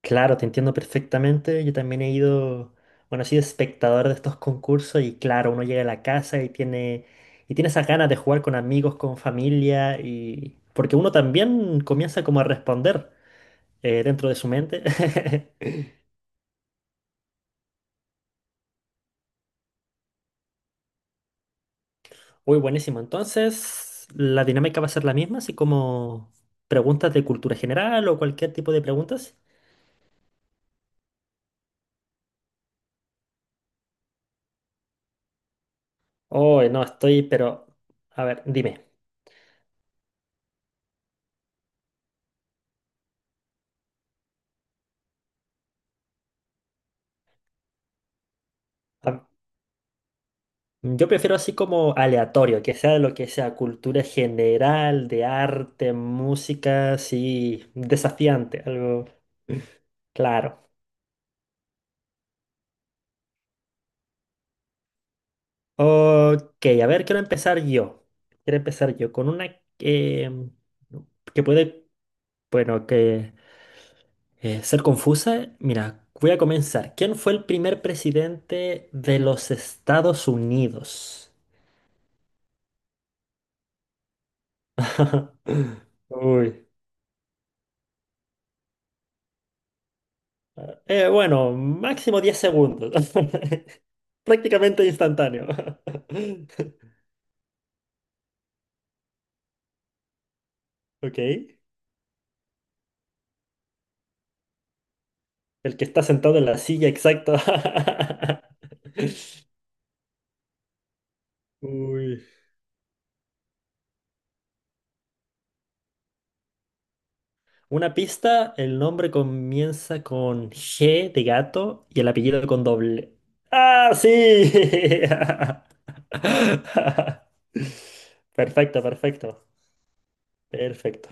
Claro, te entiendo perfectamente. Yo también he ido, bueno, he sido espectador de estos concursos y claro, uno llega a la casa y tiene esas ganas de jugar con amigos, con familia y porque uno también comienza como a responder dentro de su mente. Uy, buenísimo. Entonces, la dinámica va a ser la misma, así como preguntas de cultura general o cualquier tipo de preguntas. Oh, no, estoy, pero a ver, dime. Yo prefiero así como aleatorio, que sea de lo que sea, cultura general, de arte, música, sí, desafiante, algo. Claro. Ok, a ver, quiero empezar yo. Quiero empezar yo con una que puede, bueno, que ser confusa. Mira, voy a comenzar. ¿Quién fue el primer presidente de los Estados Unidos? Uy. Bueno, máximo 10 segundos. Prácticamente instantáneo. Ok. El que está sentado en la silla, exacto. Uy. Una pista, el nombre comienza con G de gato y el apellido con doble. ¡Ah, sí! Perfecto, perfecto, perfecto.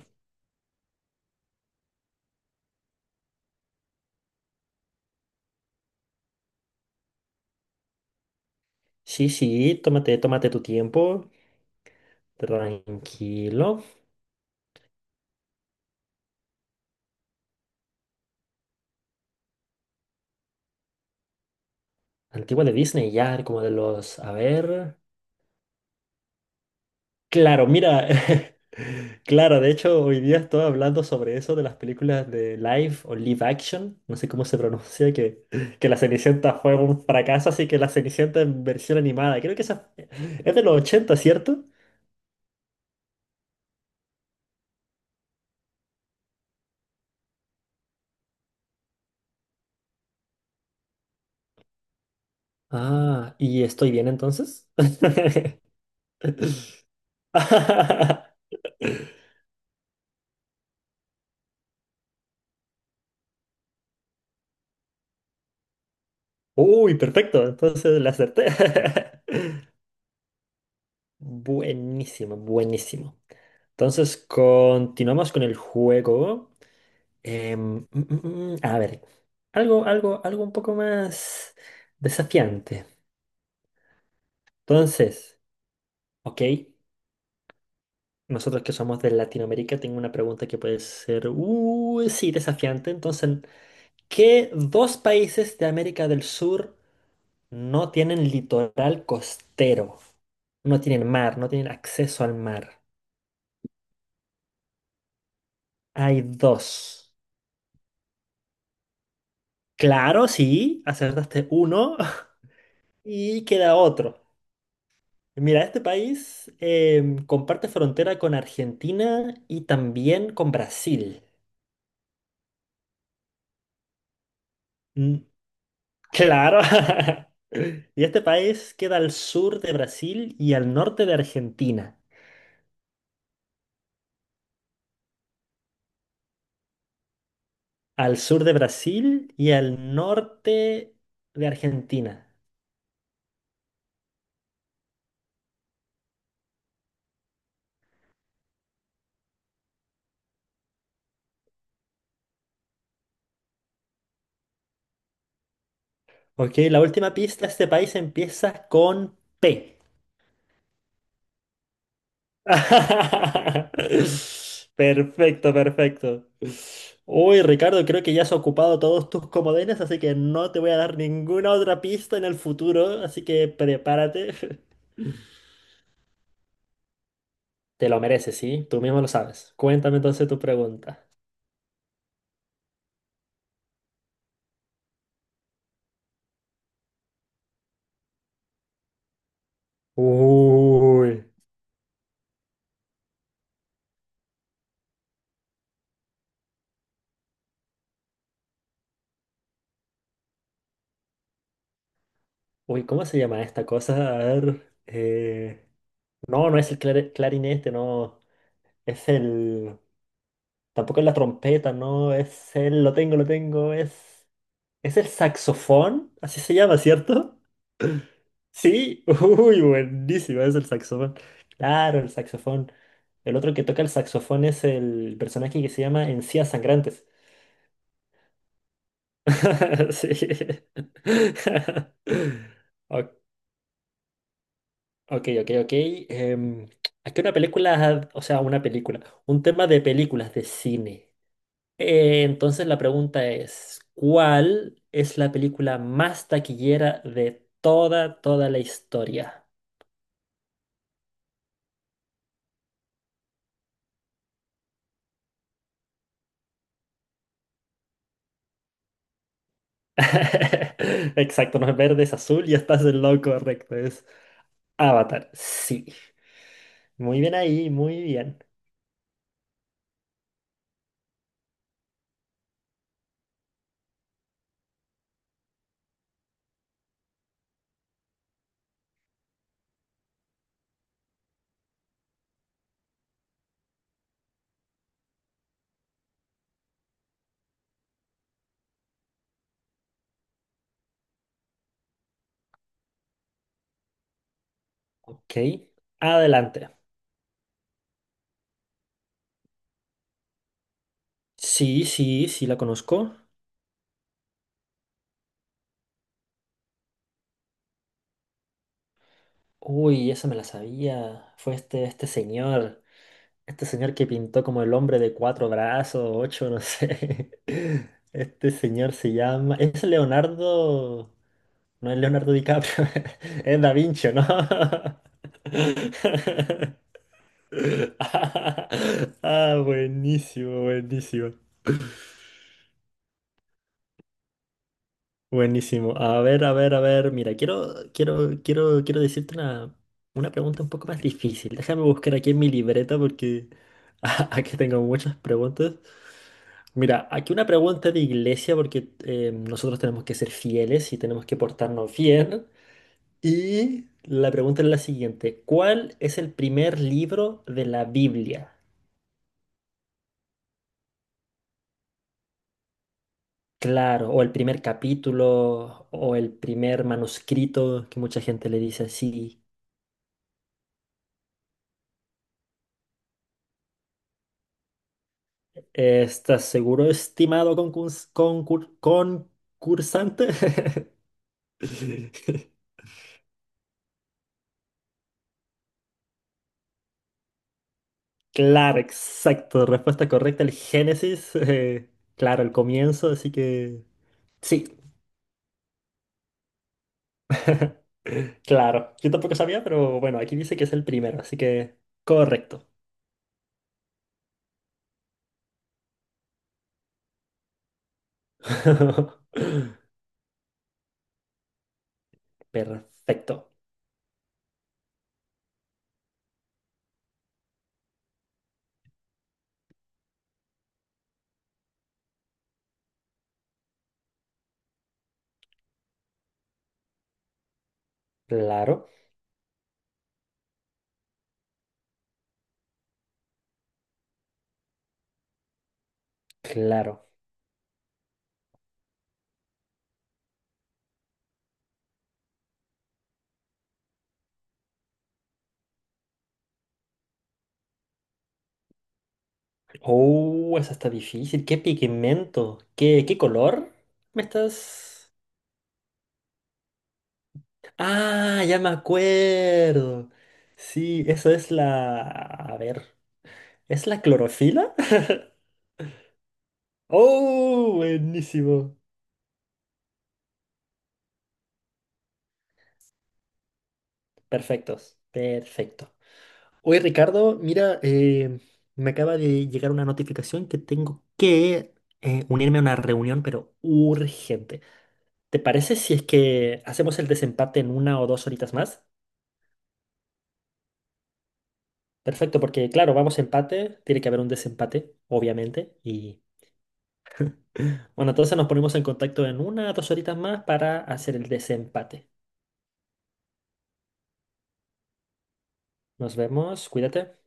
Sí, sí, tómate tu tiempo. Tranquilo. Antigua de Disney, ya, como de los. A ver. Claro, mira. Claro, de hecho, hoy día estoy hablando sobre eso de las películas de live o live action. No sé cómo se pronuncia, que La Cenicienta fue un fracaso, así que La Cenicienta en versión animada. Creo que esa es de los 80, ¿cierto? Ah, ¿y estoy bien entonces? Uy, perfecto, entonces la acerté. Buenísimo, buenísimo. Entonces, continuamos con el juego. A ver, algo un poco más desafiante. Entonces, ok, nosotros que somos de Latinoamérica, tengo una pregunta que puede ser, sí, desafiante. Entonces, ¿qué dos países de América del Sur no tienen litoral costero? No tienen mar, no tienen acceso al mar. Hay dos. Claro, sí, acertaste uno y queda otro. Mira, este país comparte frontera con Argentina y también con Brasil. Mm, claro. Y este país queda al sur de Brasil y al norte de Argentina. Al sur de Brasil y al norte de Argentina. Ok, la última pista, este país empieza con P. Perfecto, perfecto. Uy, Ricardo, creo que ya has ocupado todos tus comodines, así que no te voy a dar ninguna otra pista en el futuro, así que prepárate. Te lo mereces, ¿sí? Tú mismo lo sabes. Cuéntame entonces tu pregunta. Uy, uy, ¿cómo se llama esta cosa? A ver. No, no es el clarinete, no. Es el... Tampoco es la trompeta, no. Lo tengo, lo tengo. ¿Es el saxofón? Así se llama, ¿cierto? Sí, uy, buenísimo, es el saxofón. Claro, el saxofón. El otro que toca el saxofón es el personaje que se llama Encías Sangrantes. Sí. O- Ok, ok, ok. Em, Aquí una película, o sea, una película, un tema de películas de cine. Entonces la pregunta es, ¿cuál es la película más taquillera de toda la historia? Exacto, no es verde, es azul y estás en lo correcto, es Avatar. Sí. Muy bien ahí, muy bien. Ok, adelante. Sí, sí, sí, la conozco. Uy, esa me la sabía. Fue este señor que pintó como el hombre de cuatro brazos, ocho, no sé. Este señor se llama. Es Leonardo. No es Leonardo DiCaprio, es Da Vinci, ¿no? Ah, buenísimo, buenísimo. Buenísimo. A ver, a ver, a ver. Mira, quiero decirte una, pregunta un poco más difícil. Déjame buscar aquí en mi libreta porque aquí tengo muchas preguntas. Mira, aquí una pregunta de iglesia porque nosotros tenemos que ser fieles y tenemos que portarnos bien. Y la pregunta es la siguiente. ¿Cuál es el primer libro de la Biblia? Claro, o el primer capítulo, o el primer manuscrito, que mucha gente le dice así. ¿Estás seguro, estimado concursante? Claro, exacto, respuesta correcta, el Génesis. Claro, el comienzo, así que. Sí, claro. Yo tampoco sabía, pero bueno, aquí dice que es el primero, así que correcto. Perfecto. Claro, claro. Oh, esa está difícil. ¿Qué pigmento? ¿Qué color? ¿Me estás? Ah, ya me acuerdo. Sí, eso es la. A ver. ¿Es la clorofila? Oh, buenísimo. Perfectos. Perfecto. Oye, Ricardo, mira, me acaba de llegar una notificación que tengo que unirme a una reunión, pero urgente. ¿Te parece si es que hacemos el desempate en una o dos horitas más? Perfecto, porque claro, vamos a empate, tiene que haber un desempate, obviamente. Y bueno, entonces nos ponemos en contacto en una o dos horitas más para hacer el desempate. Nos vemos, cuídate.